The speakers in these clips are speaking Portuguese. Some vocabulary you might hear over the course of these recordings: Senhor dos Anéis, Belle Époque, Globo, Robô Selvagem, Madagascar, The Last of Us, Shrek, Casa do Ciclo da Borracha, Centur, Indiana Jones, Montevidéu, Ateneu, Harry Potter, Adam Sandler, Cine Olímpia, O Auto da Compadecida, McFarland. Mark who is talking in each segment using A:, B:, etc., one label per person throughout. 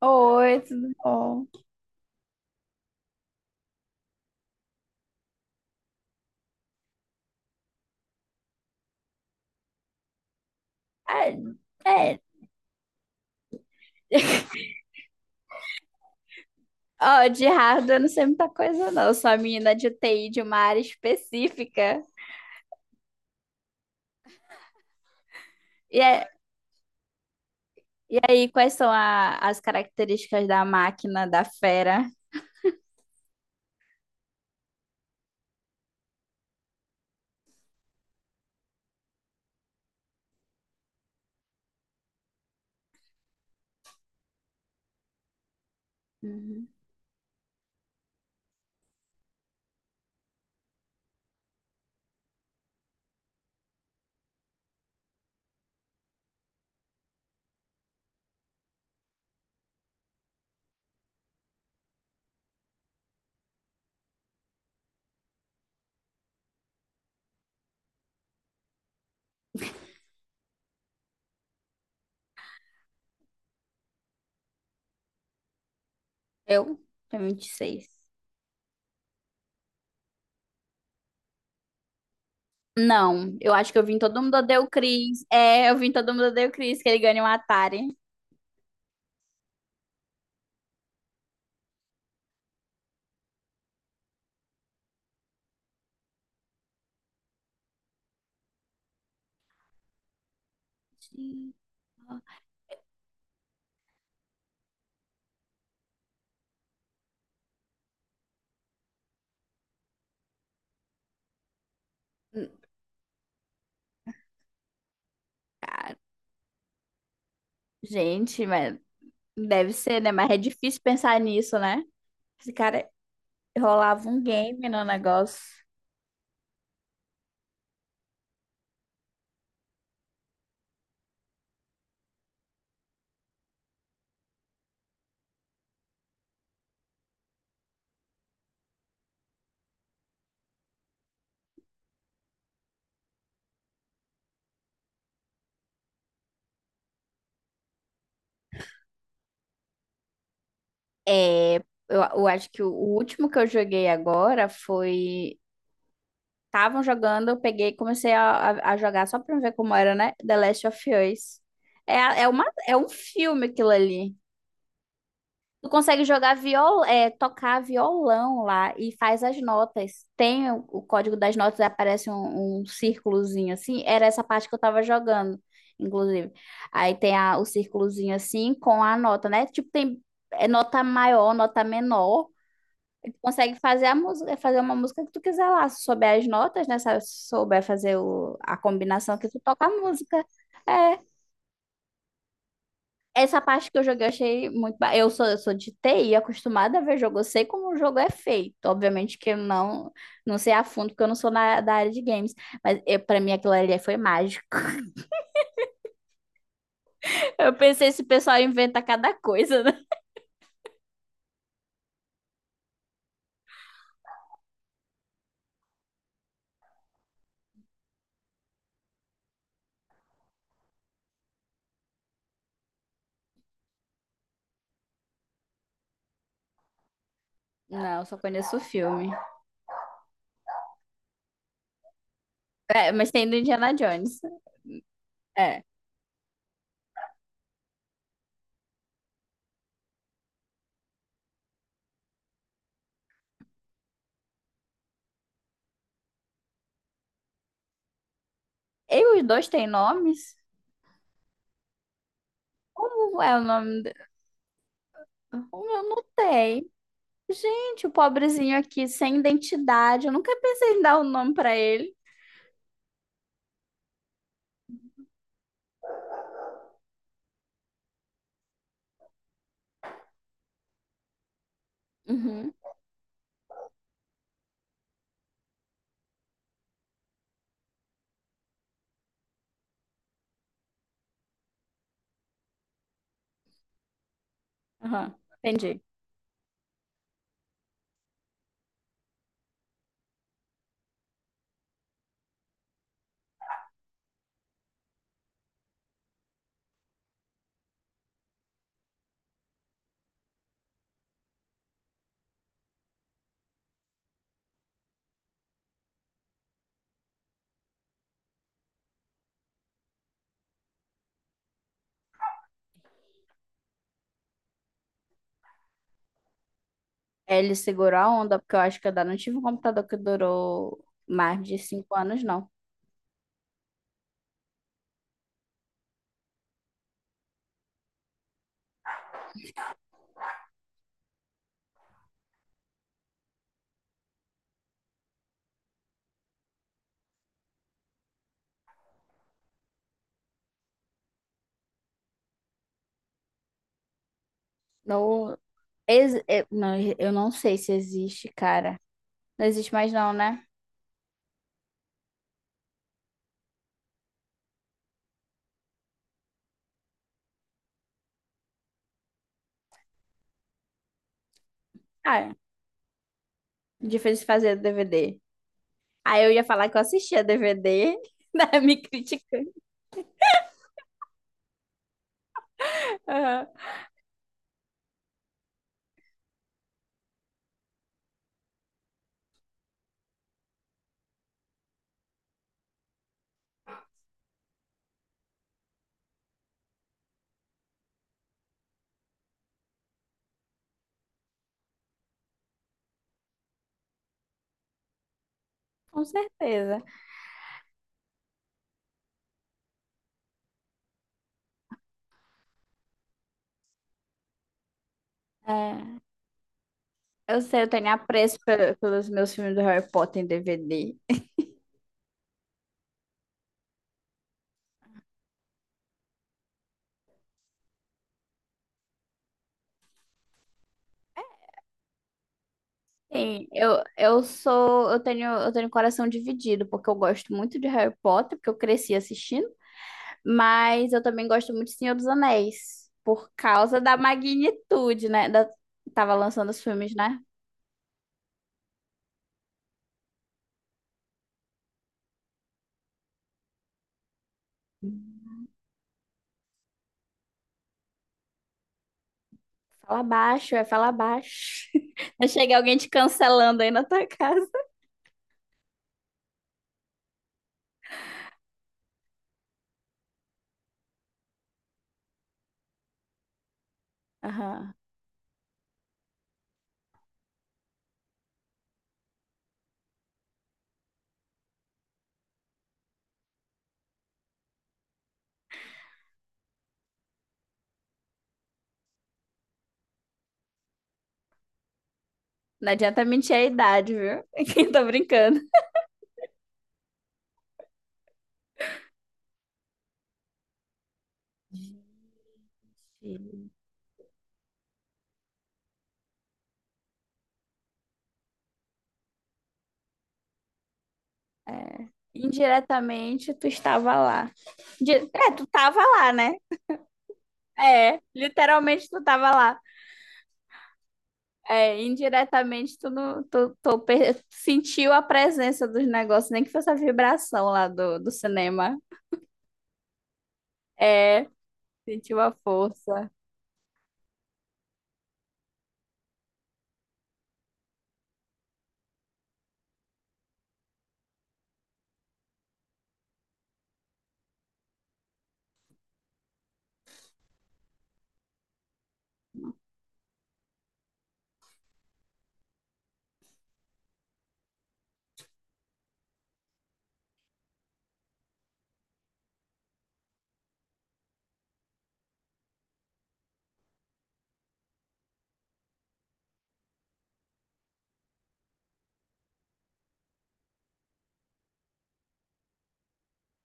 A: Oi, tudo bom? É, é. Ó, de hardware eu não sei muita coisa, não. Eu sou a menina de TI de uma área específica. E, é- e aí, quais são as características da máquina, da fera? Uhum. Eu tenho 26. Não, eu acho que eu vim todo mundo odeia o Chris. É, eu vim todo mundo odeia o Chris, que ele ganha um Atari. Sim. Cara, gente, mas deve ser, né? Mas é difícil pensar nisso, né? Esse cara, rolava um game no negócio. É, eu acho que o último que eu joguei agora foi. Estavam jogando, eu peguei e comecei a jogar só pra ver como era, né? The Last of Us. É um filme aquilo ali. Tu consegue jogar tocar violão lá e faz as notas. Tem o código das notas, aparece um círculozinho assim. Era essa parte que eu tava jogando, inclusive. Aí tem o círculozinho assim com a nota, né? Tipo, tem nota maior, nota menor. E tu consegue fazer a música, fazer uma música que tu quiser lá. Se souber as notas, né? Se souber fazer a combinação que tu toca a música. É, essa parte que eu joguei eu achei muito. Eu sou de TI, acostumada a ver jogo. Eu sei como o jogo é feito. Obviamente que eu não sei a fundo, porque eu não sou da área de games. Mas pra mim aquilo ali foi mágico. Eu pensei, esse pessoal inventa cada coisa, né? Não, só conheço o filme. É, mas tem do Indiana Jones. É. E os dois têm nomes? Como é o nome? O meu não tem. Gente, o pobrezinho aqui, sem identidade. Eu nunca pensei em dar um nome pra ele. Uhum. Aham. Entendi. É, ele segurou a onda, porque eu acho que eu ainda não tive um computador que durou mais de 5 anos, não. Não eu, não, eu não sei se existe, cara. Não existe mais não, né? Ah, é difícil fazer DVD. Aí eu ia falar que eu assistia DVD, né? Me criticando. Aham. Com certeza. É, eu sei, eu tenho apreço pelos meus filmes do Harry Potter em DVD. Sim, eu tenho coração dividido, porque eu gosto muito de Harry Potter, porque eu cresci assistindo. Mas eu também gosto muito de Senhor dos Anéis, por causa da magnitude, né? Da... Tava lançando os filmes, né? Fala baixo, fala baixo. Não chega alguém te cancelando aí na tua casa. Aham. Não adianta mentir a idade, viu? Tô brincando. Sim. Indiretamente, tu estava lá. É, tu tava lá, né? É, literalmente tu tava lá. É, indiretamente tu, não, sentiu a presença dos negócios, nem que fosse a vibração lá do cinema. É, sentiu a força.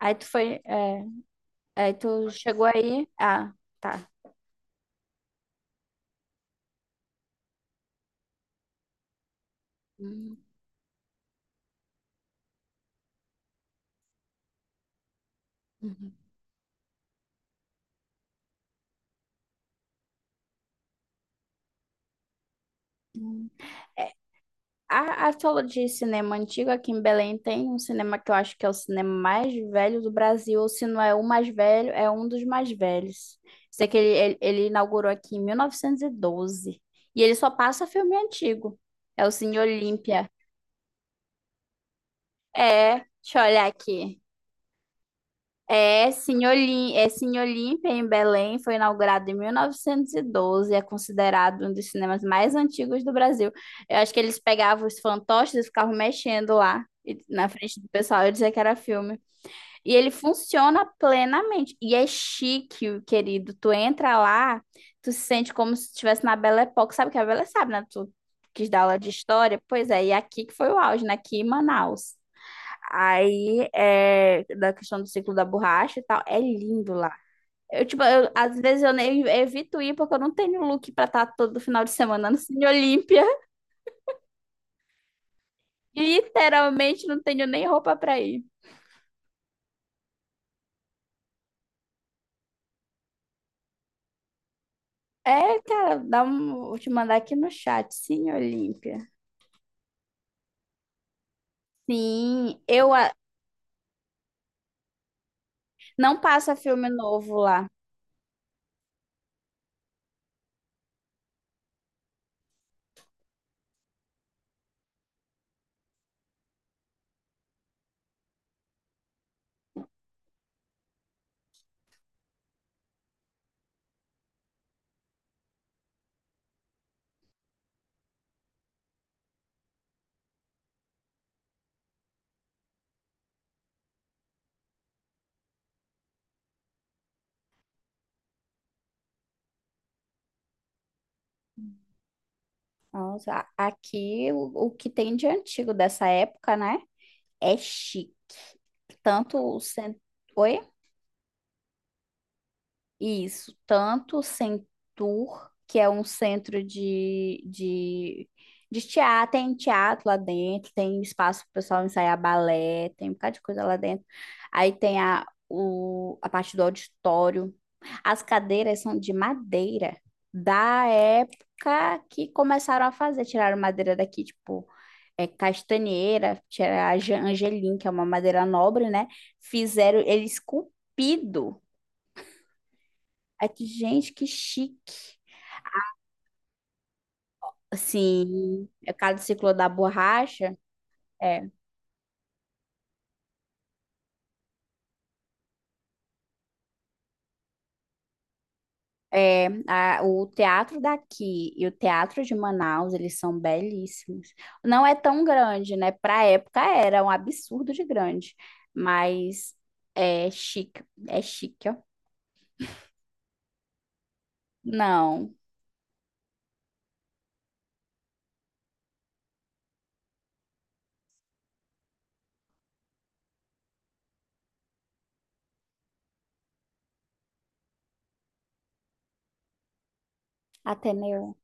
A: Aí tu foi, é, aí tu chegou aí. Ah, tá. Hum. Uhum. A falou de cinema antigo aqui em Belém tem um cinema que eu acho que é o cinema mais velho do Brasil, ou se não é o mais velho, é um dos mais velhos. Sei que ele inaugurou aqui em 1912 e doze. E ele só passa filme antigo. É o Cine Olímpia. É, deixa eu olhar aqui. Cine Olímpia, em Belém, foi inaugurado em 1912, é considerado um dos cinemas mais antigos do Brasil. Eu acho que eles pegavam os fantoches e ficavam mexendo lá na frente do pessoal e dizia que era filme. E ele funciona plenamente. E é chique, querido. Tu entra lá, tu se sente como se estivesse na Belle Époque. Sabe o que é a Belle sabe, né? Tu quis dar aula de história? Pois é, e aqui que foi o auge, né? Aqui em Manaus. Aí, da questão do ciclo da borracha e tal, é lindo lá. Eu, tipo, às vezes eu nem evito ir porque eu não tenho look pra estar todo final de semana no Cine Olímpia. Literalmente não tenho nem roupa pra ir. É, cara, vou te mandar aqui no chat, Cine Olímpia. Sim, não passa filme novo lá. Nossa, aqui o que tem de antigo dessa época, né? É chique. Tanto o centro. Oi? Isso, tanto o Centur, que é um centro de teatro, tem teatro lá dentro, tem espaço para o pessoal ensaiar balé, tem um bocado de coisa lá dentro. Aí tem a parte do auditório. As cadeiras são de madeira da época que começaram a fazer, tiraram madeira daqui, tipo, castanheira, tiraram a Angelim, que é uma madeira nobre, né? Fizeram ele esculpido. Aí tu, gente, que chique. Assim, a Casa do Ciclo da Borracha, é, o teatro daqui e o teatro de Manaus, eles são belíssimos. Não é tão grande, né? Para época era um absurdo de grande, mas é chique, ó. Não, Ateneu.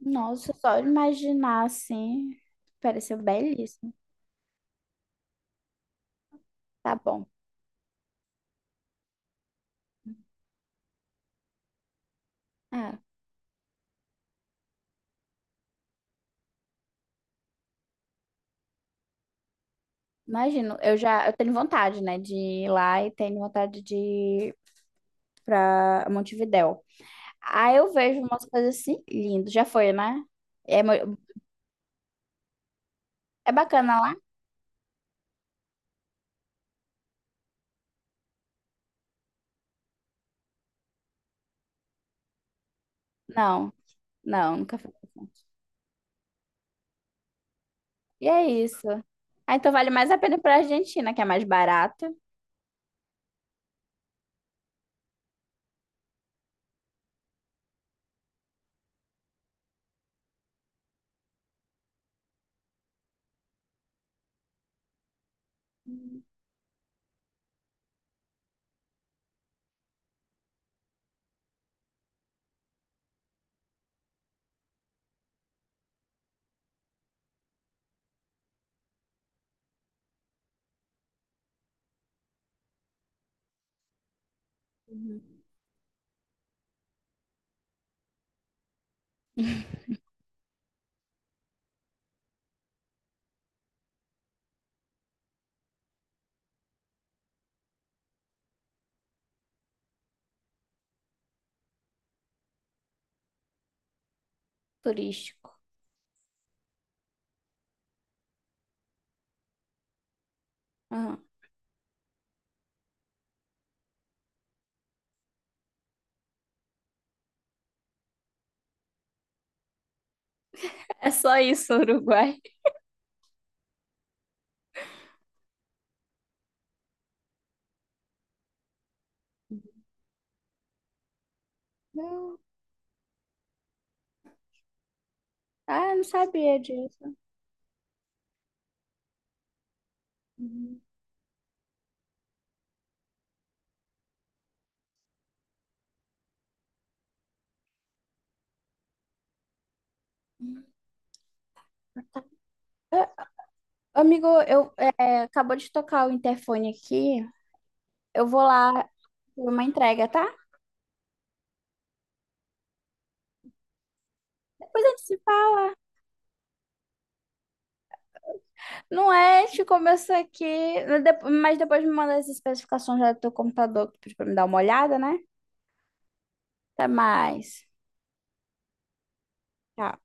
A: Nossa, só de imaginar assim, pareceu belíssimo. Tá bom. Ah, imagino. Eu tenho vontade, né, de ir lá e tenho vontade de para Montevidéu. Aí eu vejo umas coisas assim, lindo. Já foi, né? É, mo- é bacana lá? Não, não, nunca fui. E é isso. Ah, então vale mais a pena para Argentina, que é mais barato. Uhum. Turístico. Aham. É só isso, Uruguai. Não. Ah, eu não sabia disso. Uhum. Ah, amigo, acabou de tocar o interfone aqui. Eu vou lá fazer uma entrega, tá? Depois a gente se. Não é, te começa aqui, mas depois me manda as especificações já do teu computador que tu pediu pra me dar uma olhada, né? Até mais. Tchau.